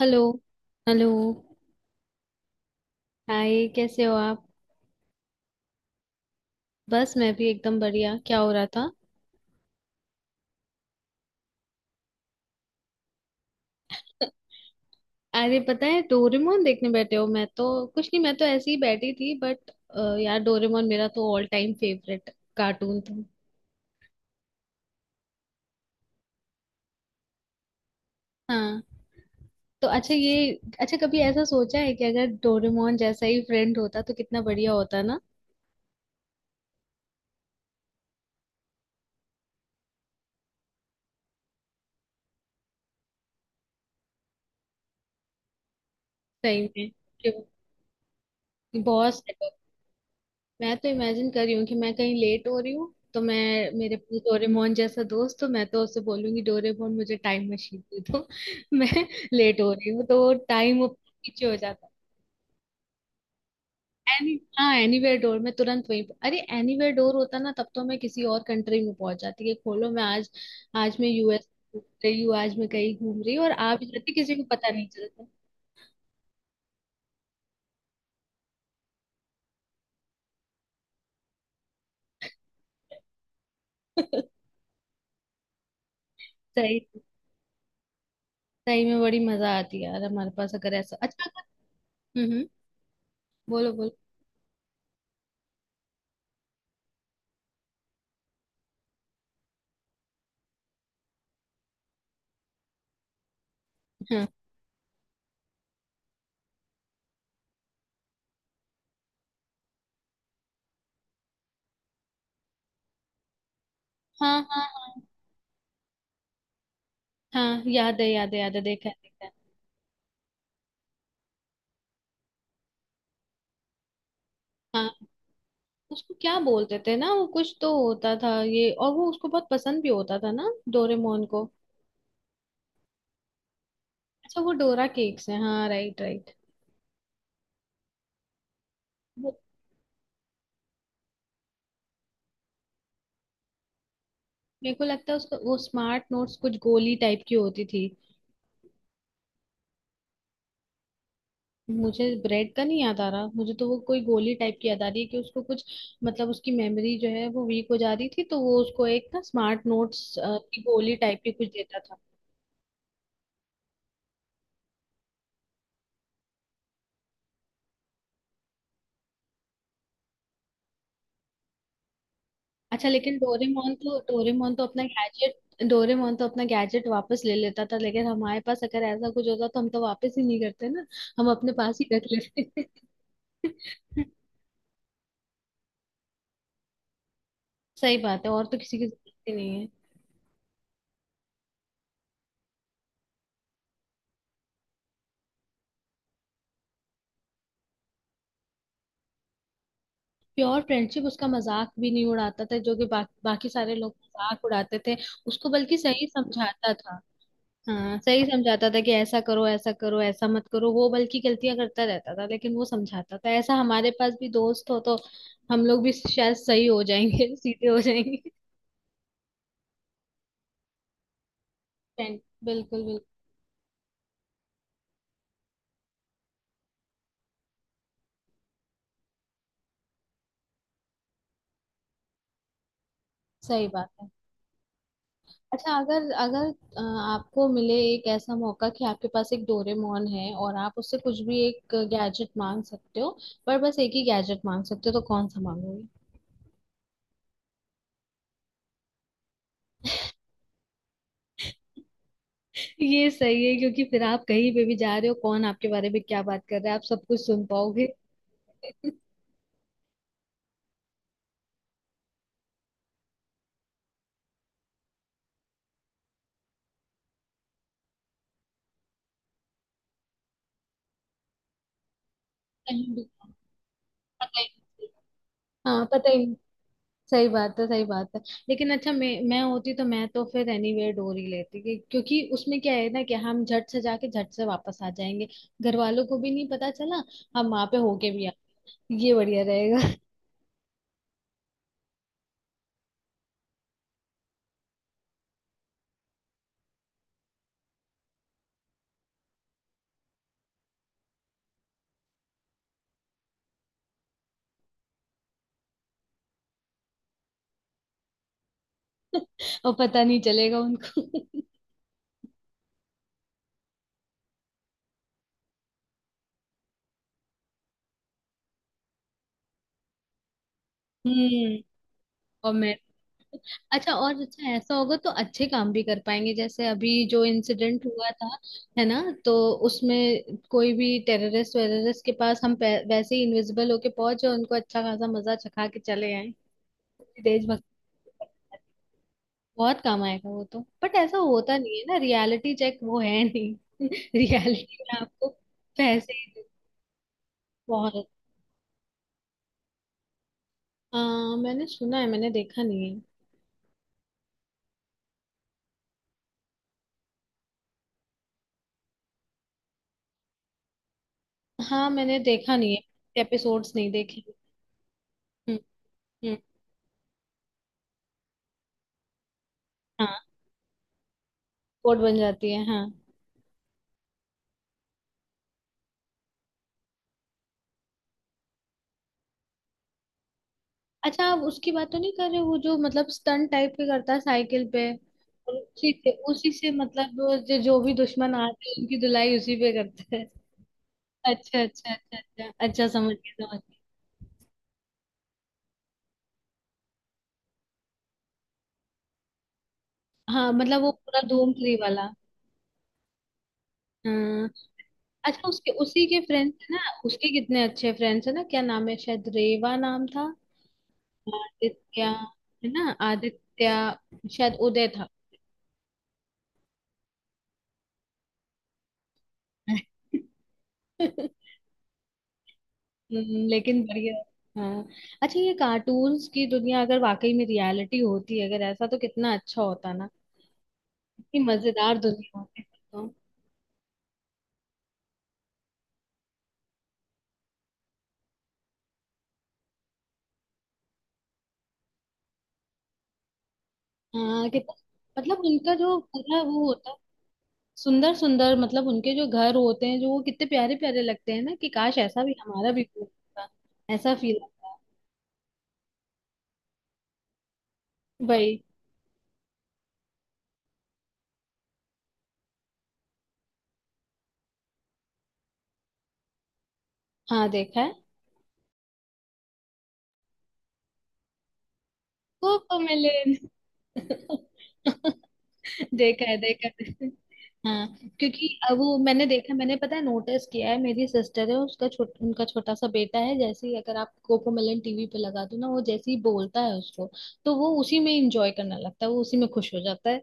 Hello. Hello. Hi, कैसे हो आप? बस मैं भी एकदम बढ़िया। क्या हो रहा था? अरे पता है, डोरेमोन देखने बैठे हो। मैं तो कुछ नहीं, मैं तो ऐसे ही बैठी थी, बट यार डोरेमोन मेरा तो ऑल टाइम फेवरेट कार्टून था। हाँ। तो अच्छा, कभी ऐसा सोचा है कि अगर डोरेमोन जैसा ही फ्रेंड होता तो कितना बढ़िया होता ना। सही में। कि बहुत। मैं तो इमेजिन कर रही हूँ कि मैं कहीं लेट हो रही हूँ तो मैं मेरे पास डोरेमोन जैसा दोस्त तो मैं तो उससे बोलूंगी, डोरेमोन मुझे टाइम मशीन दे दो। मैं लेट हो रही हूँ तो वो टाइम वो पीछे हो जाता। है एनी हाँ, एनीवेयर डोर में तुरंत अरे एनीवेयर डोर होता ना तब तो मैं किसी और कंट्री में पहुंच जाती कि खोलो, मैं आज आज मैं यूएस घूम रही हूँ, आज मैं कहीं घूम रही हूँ और आप जाती किसी को पता नहीं चलता। सही सही में बड़ी मजा आती है यार हमारे पास अगर ऐसा हम्म, बोलो बोलो। हाँ। हाँ हाँ। हाँ याद है, याद है, याद है, देखा है, देखा है। हाँ। उसको क्या बोलते थे ना? वो कुछ तो होता था ये, और वो उसको बहुत पसंद भी होता था ना, डोरेमोन को। अच्छा, वो डोरा केक्स है, हाँ, राइट राइट। वो मेरे को लगता है उसका वो स्मार्ट नोट्स, कुछ गोली टाइप की होती थी। मुझे ब्रेड का नहीं याद आ रहा, मुझे तो वो कोई गोली टाइप की याद आ रही है कि उसको कुछ, मतलब उसकी मेमोरी जो है वो वीक हो जा रही थी, तो वो उसको एक ना स्मार्ट नोट्स की गोली टाइप की कुछ देता था। अच्छा, लेकिन डोरेमोन तो अपना गैजेट वापस ले लेता था, लेकिन हमारे पास अगर ऐसा कुछ होता तो हम तो वापस ही नहीं करते ना। हम अपने पास ही रख लेते। सही बात है, और तो किसी की जरूरत ही नहीं है। प्योर फ्रेंडशिप, उसका मजाक भी नहीं उड़ाता था, जो कि बाकी सारे लोग मजाक उड़ाते थे। उसको बल्कि सही समझाता था। हाँ, सही समझाता था कि ऐसा करो, ऐसा करो, ऐसा मत करो। वो बल्कि गलतियां करता रहता था, लेकिन वो समझाता था। ऐसा हमारे पास भी दोस्त हो तो हम लोग भी शायद सही हो जाएंगे। सीधे हो जाएंगे। फ्रेंड, बिल्कुल बिल्कुल। सही बात है। अच्छा अगर अगर आपको मिले एक ऐसा मौका कि आपके पास एक डोरेमोन है और आप उससे कुछ भी एक गैजेट मांग सकते हो, पर बस एक ही गैजेट मांग सकते हो, तो कौन सा मांगोगे? ये सही है, क्योंकि फिर आप कहीं पे भी जा रहे हो, कौन आपके बारे में क्या बात कर रहा है आप सब कुछ सुन पाओगे। कहीं भी पता ही नहीं चलता। हाँ, पता ही नहीं। सही बात है, सही बात है। लेकिन अच्छा, मैं होती तो मैं तो फिर एनीवेयर डोर ही लेती क्योंकि उसमें क्या है ना कि हम झट से जाके झट से वापस आ जाएंगे, घर वालों को भी नहीं पता चला, हम वहां पे होके भी आ। ये बढ़िया रहेगा। और पता नहीं चलेगा उनको। हम्म। और मैं, अच्छा ऐसा होगा तो अच्छे काम भी कर पाएंगे, जैसे अभी जो इंसिडेंट हुआ था। है ना? तो उसमें कोई भी टेररिस्ट वेररिस्ट के पास वैसे ही इनविजिबल होके पहुंचे और उनको अच्छा खासा मजा चखा के चले आए। देशभक्त। बहुत काम आएगा वो तो, बट ऐसा होता नहीं है ना, रियलिटी चेक, वो है नहीं। रियलिटी में आपको पैसे ही दे- बहुत। आ, मैंने सुना है, मैंने देखा नहीं है। हाँ मैंने देखा नहीं है, एपिसोड्स नहीं देखे। हम्म। हम्म। हाँ। कोट बन जाती है, हाँ। अच्छा, आप उसकी बात तो नहीं कर रहे हो, वो जो मतलब स्टंट टाइप के करता है साइकिल पे? और उसी से मतलब वो जो भी दुश्मन आते हैं उनकी धुलाई उसी पे करते हैं। अच्छा अच्छा अच्छा अच्छा अच्छा, समझ गए, समझ गए। हाँ, मतलब वो पूरा धूम 3 वाला। हाँ। अच्छा उसके उसी के फ्रेंड्स है ना, उसके कितने अच्छे फ्रेंड्स है ना। क्या नाम है? शायद रेवा नाम था। आदित्य है ना, आदित्य। शायद उदय था। लेकिन बढ़िया। हाँ। अच्छा, ये कार्टून्स की दुनिया अगर वाकई में रियलिटी होती, अगर ऐसा, तो कितना अच्छा होता ना। कितनी मजेदार दुनिया होती फिर तो। हाँ कितना, मतलब उनका जो पूरा वो होता, सुंदर सुंदर, मतलब उनके जो घर होते हैं जो, वो कितने प्यारे प्यारे लगते हैं ना कि काश ऐसा भी हमारा भी घर होता। ऐसा फील आता है भाई। हाँ देखा है। वो मिले। देखा है, देखा है। हाँ। क्योंकि अब वो मैंने देखा, मैंने पता है नोटिस किया है, मेरी सिस्टर है उसका छोट उनका छोटा सा बेटा है, जैसे ही अगर आप कोकोमेलन टीवी पे लगा दो ना, वो जैसे ही बोलता है उसको, तो वो उसी में इंजॉय करने लगता है, वो उसी में खुश हो जाता है।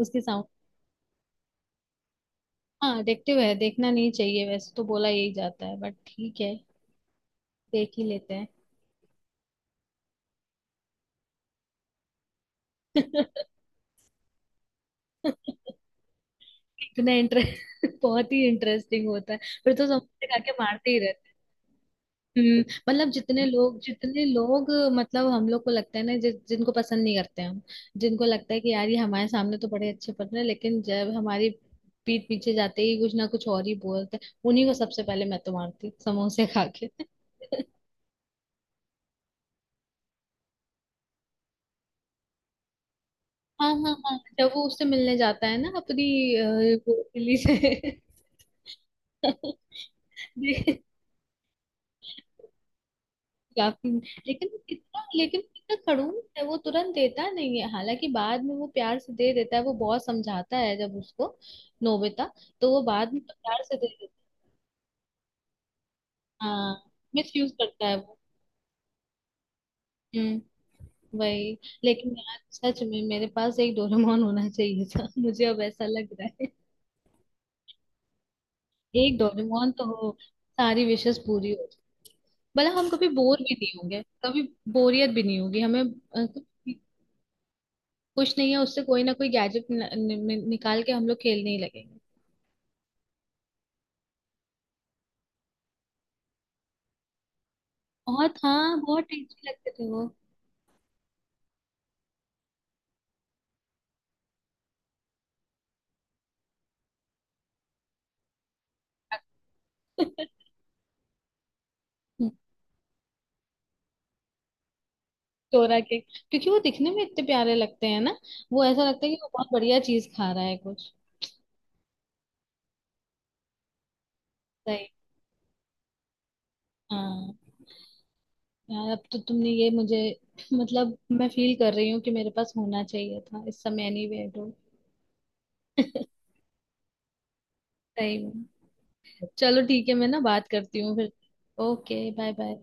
उसके साउंड। हाँ एडिक्टिव है, देखना नहीं चाहिए वैसे तो बोला यही जाता है, बट ठीक है, देख ही लेते हैं। इतना इंटरेस्ट बहुत ही इंटरेस्टिंग होता है, फिर तो समोसे खा के मारते ही रहते हैं। हम्म, मतलब जितने लोग जितने लोग, मतलब हम लोग को लगता है ना जिनको पसंद नहीं करते हम, जिनको लगता है कि यार ये हमारे सामने तो बड़े अच्छे पढ़ रहे हैं लेकिन जब हमारी पीठ पीछे जाते ही कुछ ना कुछ और ही बोलते हैं, उन्हीं को सबसे पहले मैं तो मारती समोसे खा के। हाँ हाँ हाँ, जब वो उससे मिलने जाता है ना अपनी वो बिल्ली से। या फिर, लेकिन वो कितना खड़ूस है, वो तुरंत देता नहीं है, हालांकि बाद में वो प्यार से दे देता है, वो बहुत समझाता है जब उसको, नोबिता, तो वो बाद में प्यार से दे देता है। हाँ, मिस यूज करता है वो। हम्म। वही। लेकिन यार सच में मेरे पास एक डोरेमोन होना चाहिए था। मुझे अब ऐसा लग रहा है एक डोरेमोन तो हो, सारी विशेष पूरी हो, मतलब हम कभी बोर भी नहीं होंगे, कभी बोरियत भी नहीं होगी हमें। अ, कुछ नहीं है, उससे कोई ना कोई गैजेट नि, नि, निकाल के हम लोग खेलने ही लगेंगे। बहुत, हाँ बहुत टेस्टी लगते थे वो। चोरा के, क्योंकि वो दिखने में इतने प्यारे लगते हैं ना, वो ऐसा लगता है कि वो बहुत बढ़िया चीज खा रहा है कुछ। सही। हाँ। यार अब तो तुमने ये मुझे, मतलब मैं फील कर रही हूँ कि मेरे पास होना चाहिए था इस समय। एनी वे, सही में। चलो ठीक है, मैं ना बात करती हूँ फिर। Okay, bye bye.